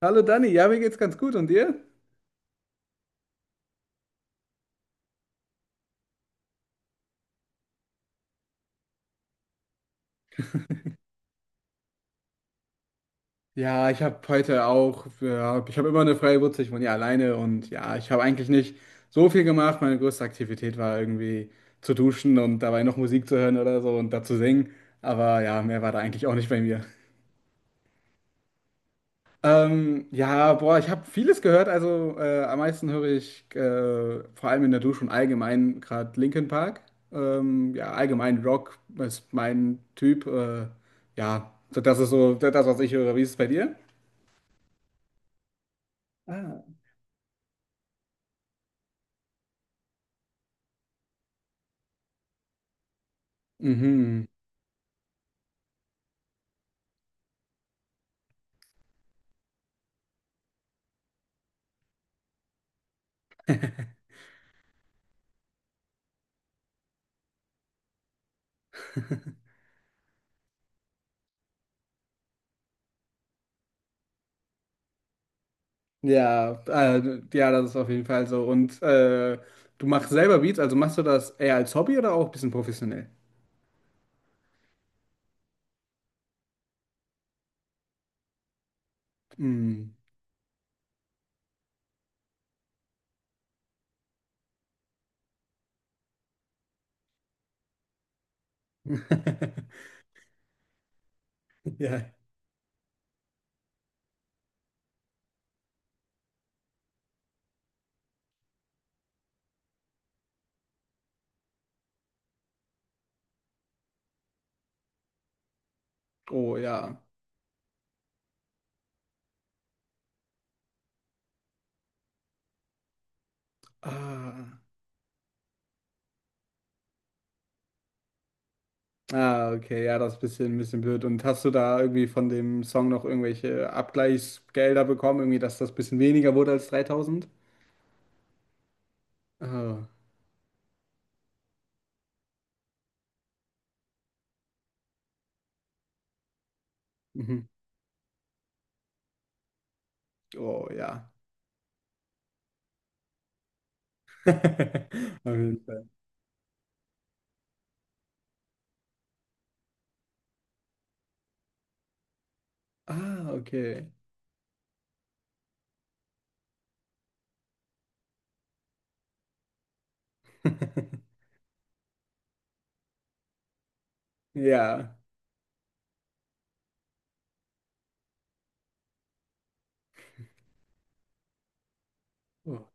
Hallo Dani, ja, mir geht's ganz gut und dir? Ja, ich habe heute auch, ja, ich habe immer eine freie Wurzel, ich wohne ja alleine und ja, ich habe eigentlich nicht so viel gemacht. Meine größte Aktivität war irgendwie zu duschen und dabei noch Musik zu hören oder so und dazu singen, aber ja, mehr war da eigentlich auch nicht bei mir. Ja, boah, ich habe vieles gehört. Also am meisten höre ich vor allem in der Dusche und allgemein gerade Linkin Park. Ja, allgemein Rock ist mein Typ. Ja, so das ist so das, was ich höre. Wie ist es bei dir? Mhm. Ja, ja, das ist auf jeden Fall so. Und du machst selber Beats, also machst du das eher als Hobby oder auch ein bisschen professionell? Mhm. Ja. Oh ja. Ah. Ah, okay, ja, das ist ein bisschen blöd. Und hast du da irgendwie von dem Song noch irgendwelche Abgleichsgelder bekommen, irgendwie, dass das ein bisschen weniger wurde als 3000? Ah, mhm. Oh, ja. Auf jeden Fall. Ah, okay. Ja. Oh.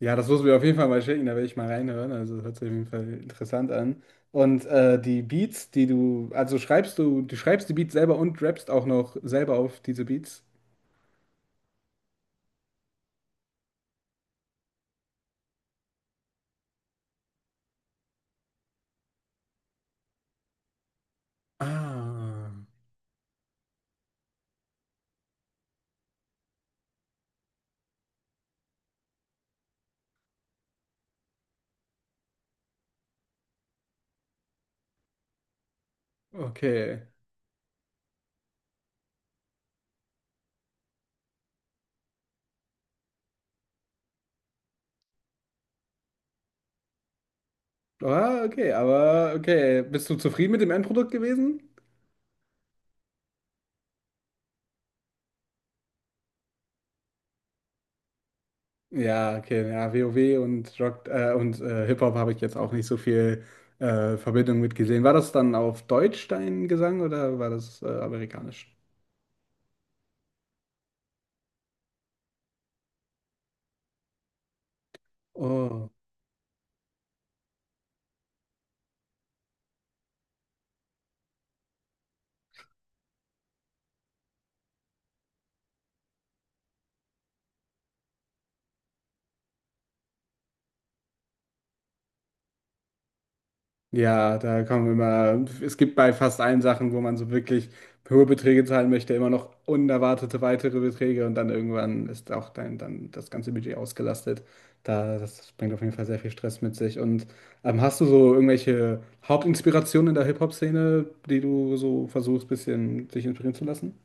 Ja, das musst du mir auf jeden Fall mal schicken, da werde ich mal reinhören. Also hört sich auf jeden Fall interessant an. Und die Beats, die du, also schreibst du schreibst die Beats selber und rappst auch noch selber auf diese Beats? Ah, okay. Ah, okay, aber okay. Bist du zufrieden mit dem Endprodukt gewesen? Ja, okay, ja, WoW und Rock und Hip-Hop habe ich jetzt auch nicht so viel Verbindung mit gesehen. War das dann auf Deutsch dein Gesang oder war das amerikanisch? Oh. Ja, da kommen immer, es gibt bei fast allen Sachen, wo man so wirklich hohe Beträge zahlen möchte, immer noch unerwartete weitere Beträge und dann irgendwann ist auch dann das ganze Budget ausgelastet. Das bringt auf jeden Fall sehr viel Stress mit sich. Und hast du so irgendwelche Hauptinspirationen in der Hip-Hop-Szene, die du so versuchst, bisschen dich inspirieren zu lassen?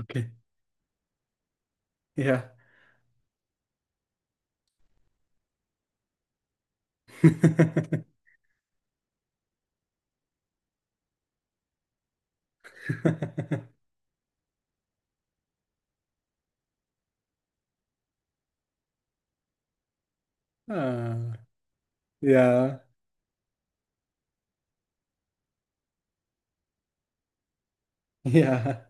Okay. Ja. Ah, ja, ja.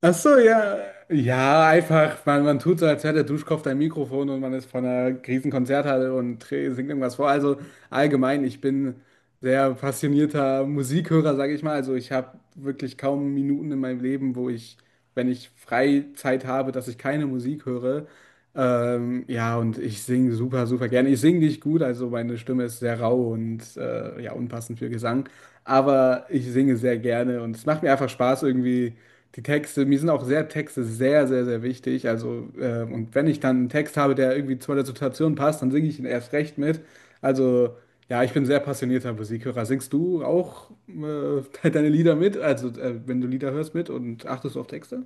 Ach so, ja. Ja, einfach, man tut so, als wäre der Duschkopf dein Mikrofon und man ist von einer Riesenkonzerthalle und singt irgendwas vor. Also allgemein, ich bin sehr passionierter Musikhörer, sage ich mal. Also ich habe wirklich kaum Minuten in meinem Leben, wenn ich Freizeit habe, dass ich keine Musik höre. Ja, und ich singe super, super gerne. Ich singe nicht gut, also meine Stimme ist sehr rau und ja, unpassend für Gesang. Aber ich singe sehr gerne und es macht mir einfach Spaß, irgendwie die Texte. Mir sind auch sehr Texte sehr, sehr, sehr wichtig. Also, und wenn ich dann einen Text habe, der irgendwie zu der Situation passt, dann singe ich ihn erst recht mit. Also, ja, ich bin sehr passionierter Musikhörer. Singst du auch deine Lieder mit? Also, wenn du Lieder hörst mit und achtest du auf Texte?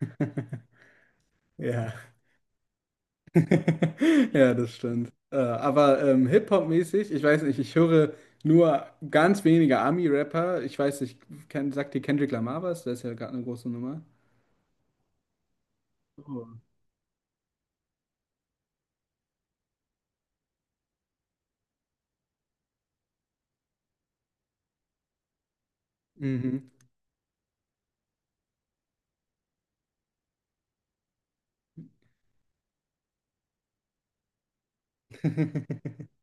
Ja. Ja, das stimmt. Aber Hip-Hop-mäßig, ich weiß nicht, ich höre nur ganz wenige Ami-Rapper. Ich weiß nicht, sagt dir Kendrick Lamar was? Der ist ja gerade eine große Nummer. Oh. Mhm.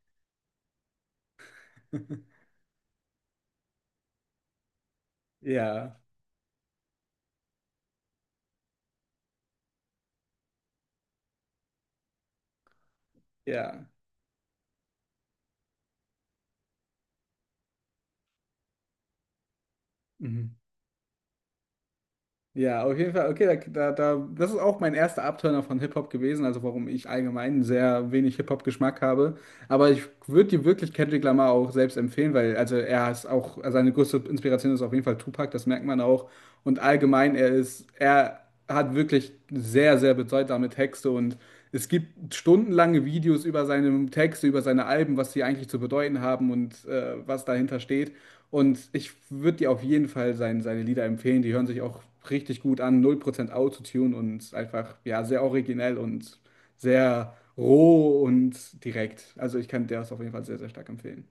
Ja, ja. Mhm. Ja, auf jeden Fall. Okay, das ist auch mein erster Abturner von Hip-Hop gewesen, also warum ich allgemein sehr wenig Hip-Hop-Geschmack habe. Aber ich würde dir wirklich Kendrick Lamar auch selbst empfehlen, weil also also seine größte Inspiration ist auf jeden Fall Tupac, das merkt man auch. Und allgemein, er hat wirklich sehr, sehr bedeutsame Texte und es gibt stundenlange Videos über seine Texte, über seine Alben, was sie eigentlich zu bedeuten haben und was dahinter steht. Und ich würde dir auf jeden Fall seine Lieder empfehlen. Die hören sich auch richtig gut an. 0% Autotune und einfach, ja, sehr originell und sehr roh und direkt. Also ich kann dir das auf jeden Fall sehr, sehr stark empfehlen.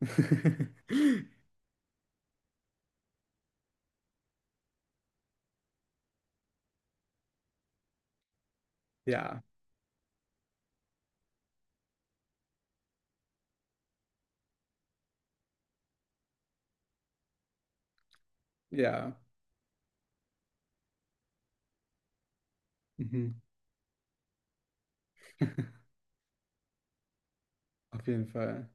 Ja, ja. Mhm. Auf jeden Fall.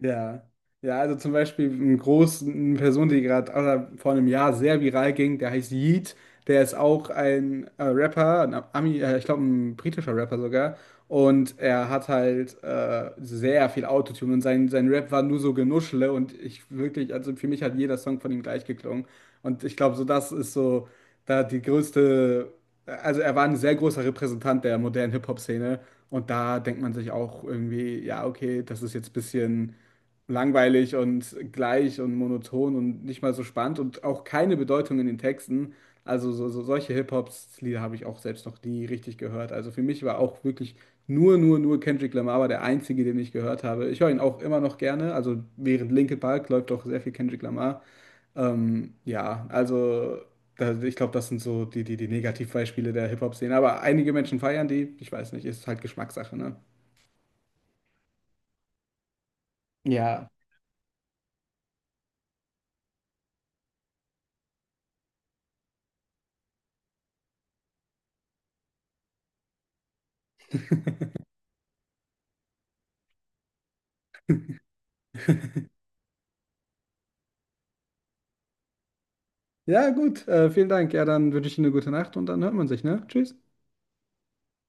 Ja, ja, also zum Beispiel eine Person, die gerade also vor einem Jahr sehr viral ging, der heißt Yeet, der ist auch ein Rapper, ein Ami, ich glaube ein britischer Rapper sogar, und er hat halt sehr viel Autotune und sein Rap war nur so Genuschle und ich wirklich, also für mich hat jeder Song von ihm gleich geklungen und ich glaube so das ist so da die größte, also er war ein sehr großer Repräsentant der modernen Hip-Hop-Szene und da denkt man sich auch irgendwie, ja okay, das ist jetzt ein bisschen langweilig und gleich und monoton und nicht mal so spannend und auch keine Bedeutung in den Texten. Also solche Hip-Hop-Lieder habe ich auch selbst noch nie richtig gehört. Also für mich war auch wirklich nur Kendrick Lamar war der einzige, den ich gehört habe. Ich höre ihn auch immer noch gerne. Also während Linkin Park läuft auch sehr viel Kendrick Lamar. Ja, also da, ich glaube, das sind so die Negativbeispiele der Hip-Hop-Szene. Aber einige Menschen feiern die. Ich weiß nicht, ist halt Geschmackssache, ne? Ja, ja, gut. Vielen Dank. Ja, dann wünsche ich Ihnen eine gute Nacht und dann hört man sich, ne? Tschüss.